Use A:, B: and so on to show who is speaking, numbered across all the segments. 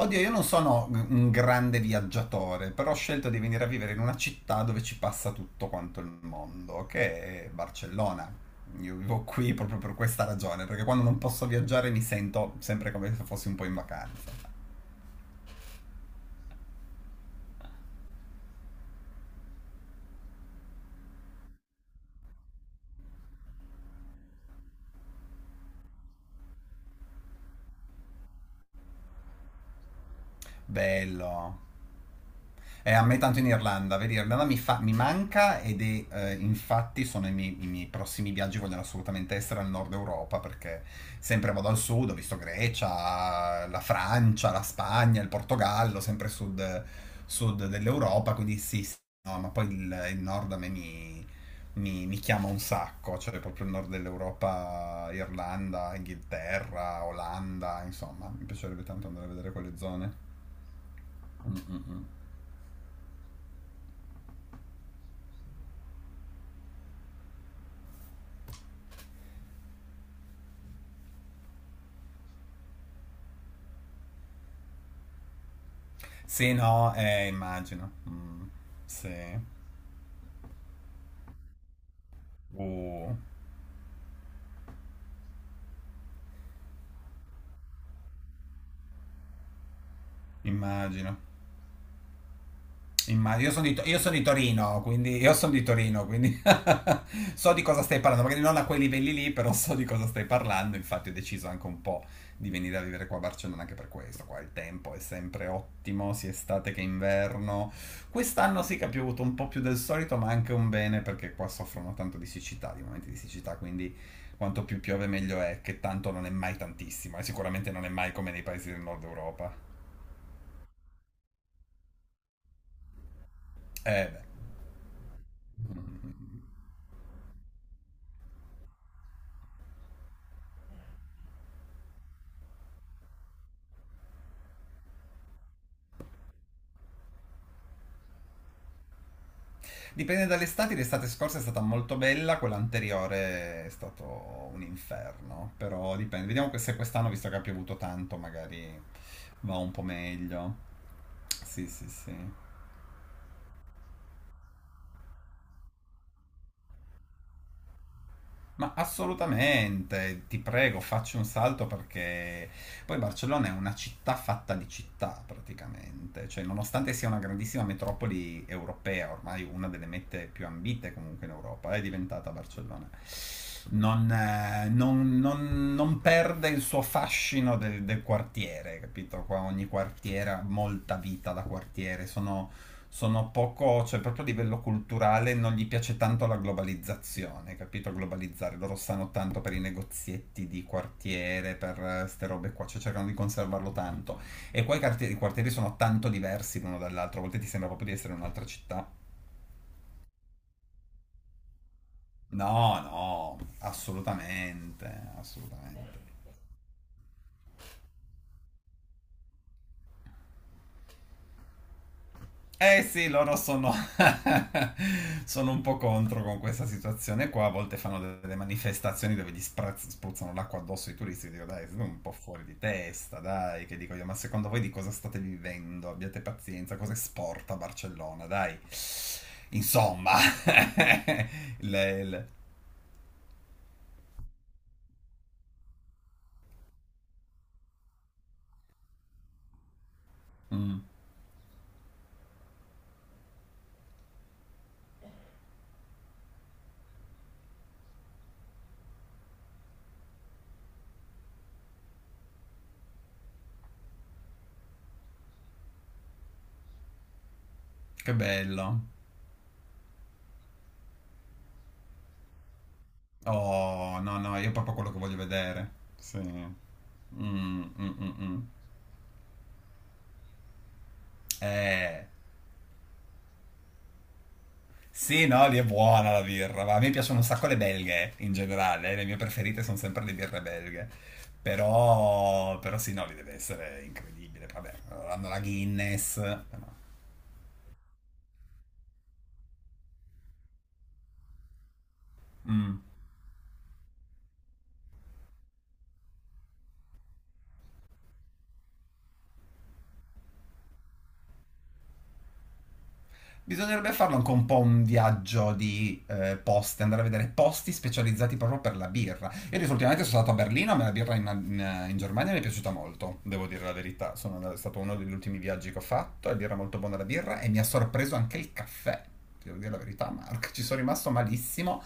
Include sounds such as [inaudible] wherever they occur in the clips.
A: Oddio, io non sono un grande viaggiatore, però ho scelto di venire a vivere in una città dove ci passa tutto quanto il mondo, che è Barcellona. Io vivo qui proprio per questa ragione, perché quando non posso viaggiare mi sento sempre come se fossi un po' in vacanza. Bello. A me tanto in Irlanda, vedi, Irlanda mi manca ed è, infatti sono i miei prossimi viaggi, vogliono assolutamente essere al nord Europa perché sempre vado al sud, ho visto Grecia, la Francia, la Spagna, il Portogallo, sempre sud, sud dell'Europa, quindi sì, no, ma poi il nord a me mi chiama un sacco, cioè proprio il nord dell'Europa, Irlanda, Inghilterra, Olanda, insomma, mi piacerebbe tanto andare a vedere quelle zone. Mm, mm, mm. Sì, no, immagino. Mm, sì. Uh, immagino. Immagino, io sono di Torino, quindi [laughs] so di cosa stai parlando, magari non a quei livelli lì, però so di cosa stai parlando, infatti ho deciso anche un po' di venire a vivere qua a Barcellona anche per questo, qua il tempo è sempre ottimo, sia estate che inverno. Quest'anno sì che ha piovuto un po' più del solito, ma anche un bene perché qua soffrono tanto di siccità, di momenti di siccità, quindi quanto più piove meglio è, che tanto non è mai tantissimo, e sicuramente non è mai come nei paesi del nord Europa. Eh beh. Mm. Dipende dall'estate, l'estate scorsa è stata molto bella, quella anteriore è stato un inferno, però dipende. Vediamo se quest'anno, visto che ha piovuto tanto, magari va un po' meglio. Sì, sì, sì. Ma assolutamente, ti prego, facci un salto perché poi Barcellona è una città fatta di città praticamente, cioè nonostante sia una grandissima metropoli europea, ormai una delle mete più ambite comunque in Europa, è diventata Barcellona. Non perde il suo fascino del quartiere, capito? Qua ogni quartiere ha molta vita da quartiere, sono poco, cioè proprio a livello culturale non gli piace tanto la globalizzazione, capito? Globalizzare, loro stanno tanto per i negozietti di quartiere, per queste robe qua, cioè cercano di conservarlo tanto. E poi i quartieri sono tanto diversi l'uno dall'altro, a volte ti sembra proprio di essere in un'altra città. No, no, assolutamente, assolutamente. Eh sì, loro sono, [laughs] sono un po' contro con questa situazione qua, a volte fanno delle manifestazioni dove gli spruzzano l'acqua addosso ai turisti, dico dai, siete un po' fuori di testa, dai, che dico io, ma secondo voi di cosa state vivendo? Abbiate pazienza, cosa è sport a Barcellona, dai. Insomma, [laughs] il, il- Mm, che bello. Oh, no, no, io è proprio quello che voglio vedere. Sì. Mm, mm, mm, mm. Eh. Sì, no, lì è buona la birra, ma a me piacciono un sacco le belghe in generale, le mie preferite sono sempre le birre belghe. Però sì, no, lì deve essere incredibile. Vabbè, hanno la Guinness. Però... Mm. Bisognerebbe farlo anche un po' un viaggio di poste, andare a vedere posti specializzati proprio per la birra. Io adesso ultimamente sono stato a Berlino, ma la birra in Germania mi è piaciuta molto, devo dire la verità. È stato uno degli ultimi viaggi che ho fatto, ed era molto buona la birra e mi ha sorpreso anche il caffè. Ti Devo dire la verità, Mark, ci sono rimasto malissimo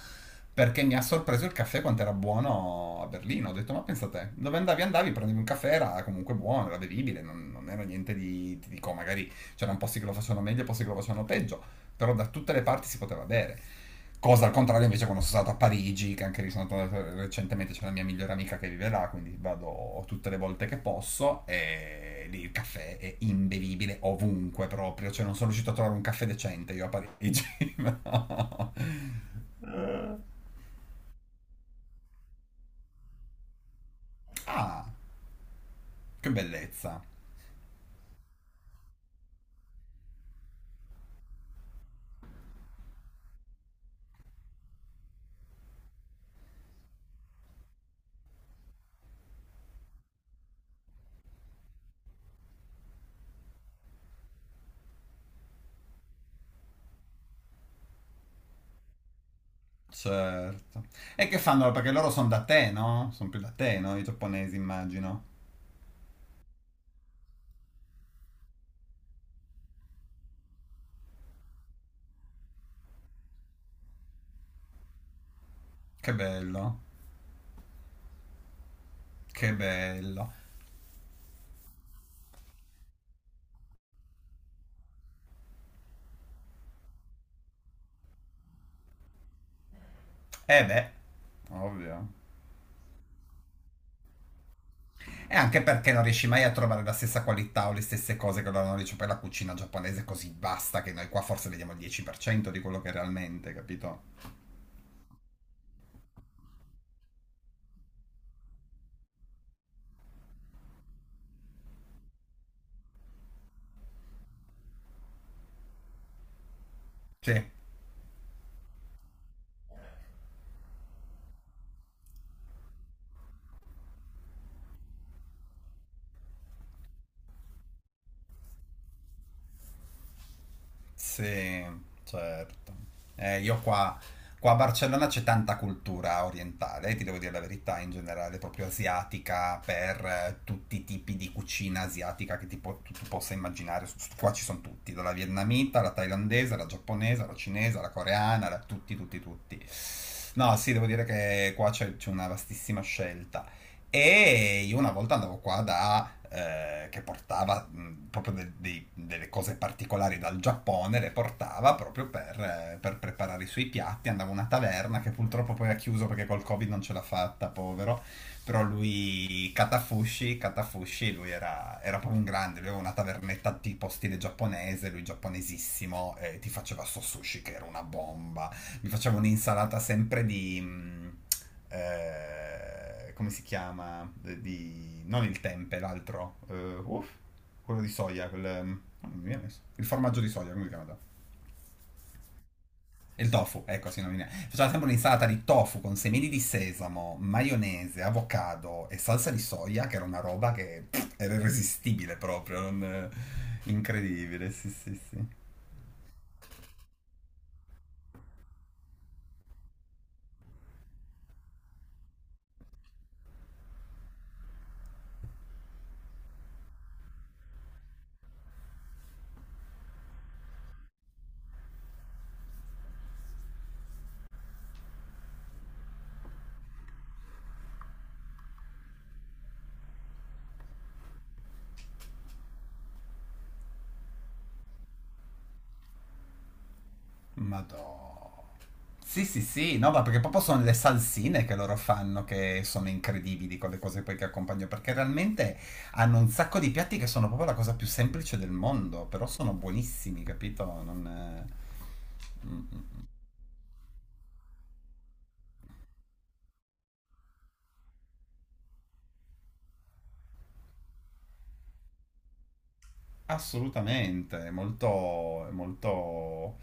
A: perché mi ha sorpreso il caffè quanto era buono a Berlino. Ho detto, ma pensa te, dove andavi, prendevi un caffè, era comunque buono, era bevibile, non era niente di, ti dico, magari c'erano posti che lo facevano meglio, e posti che lo facevano peggio, però da tutte le parti si poteva bere. Cosa al contrario invece quando sono stato a Parigi, che anche lì sono andato recentemente, c'è la mia migliore amica che vive là, quindi vado tutte le volte che posso e lì il caffè è imbevibile ovunque proprio, cioè non sono riuscito a trovare un caffè decente io a Parigi. [laughs] No. Ah, che bellezza. Certo. E che fanno? Perché loro sono da te, no? Sono più da te, no? I giapponesi immagino. Che bello, che bello. Eh beh, ovvio. E anche perché non riesci mai a trovare la stessa qualità o le stesse cose che loro hanno dice per la cucina giaponese così basta che noi qua forse vediamo il 10% di quello che realmente, capito? Sì. Sì, certo. Eh, io qua, qua a Barcellona c'è tanta cultura orientale, ti devo dire la verità, in generale, proprio asiatica, per tutti i tipi di cucina asiatica che ti po- tu, tu possa immaginare. S- Qua ci sono tutti, dalla vietnamita alla thailandese, alla giapponese, alla cinese, alla coreana, alla- tutti, tutti, tutti. No, sì, devo dire che qua c'è una vastissima scelta. E io una volta andavo qua da, che portava proprio delle cose particolari dal Giappone, le portava proprio per preparare i suoi piatti. Andavo a una taverna che purtroppo poi ha chiuso perché col Covid non ce l'ha fatta, povero. Però lui, Katafushi, lui era, era proprio un grande, lui aveva una tavernetta tipo stile giapponese, lui giapponesissimo, e ti faceva sto sushi che era una bomba. Mi facevo un'insalata sempre di... come si chiama? Di... non il tempe, l'altro. Uff, quello di soia, quel... non mi viene messo. Il formaggio di soia, come si chiama? Il tofu, ecco, sì, non mi viene. Faceva sempre un'insalata di tofu con semini di sesamo, maionese, avocado e salsa di soia, che era una roba che pff, era irresistibile proprio, incredibile, sì, sì, sì. Madò. Sì, sì, sì, no, ma perché proprio sono le salsine che loro fanno che sono incredibili con le cose poi che accompagno, perché realmente hanno un sacco di piatti che sono proprio la cosa più semplice del mondo, però sono buonissimi, capito? Non... Assolutamente, è molto...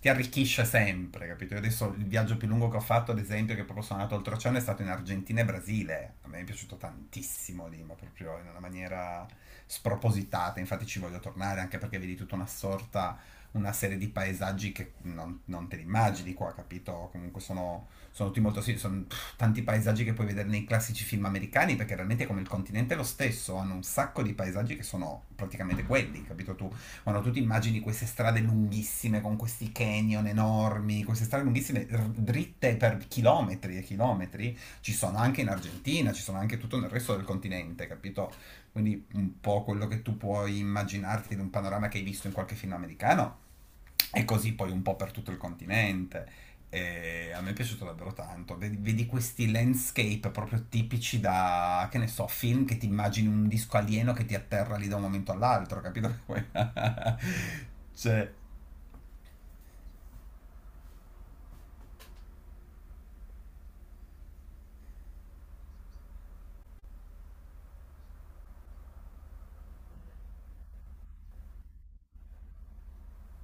A: ti arricchisce sempre, capito? Io adesso il viaggio più lungo che ho fatto, ad esempio, che proprio sono andato oltreoceano, è stato in Argentina e Brasile. A me è piaciuto tantissimo lì, ma proprio in una maniera spropositata. Infatti ci voglio tornare anche perché vedi tutta una sorta, una serie di paesaggi che non te li immagini qua, capito? Comunque sono, sono tutti molto, sì, sono tanti paesaggi che puoi vedere nei classici film americani, perché realmente come il continente è lo stesso, hanno un sacco di paesaggi che sono praticamente quelli, capito tu? Quando tu ti immagini queste strade lunghissime con questi canyon enormi, queste strade lunghissime dritte per chilometri e chilometri, ci sono anche in Argentina, ci sono anche tutto nel resto del continente, capito? Quindi un po' quello che tu puoi immaginarti di un panorama che hai visto in qualche film americano e così poi un po' per tutto il continente. E a me è piaciuto davvero tanto. Vedi, vedi questi landscape proprio tipici da, che ne so, film che ti immagini un disco alieno che ti atterra lì da un momento all'altro, capito? [laughs] Cioè,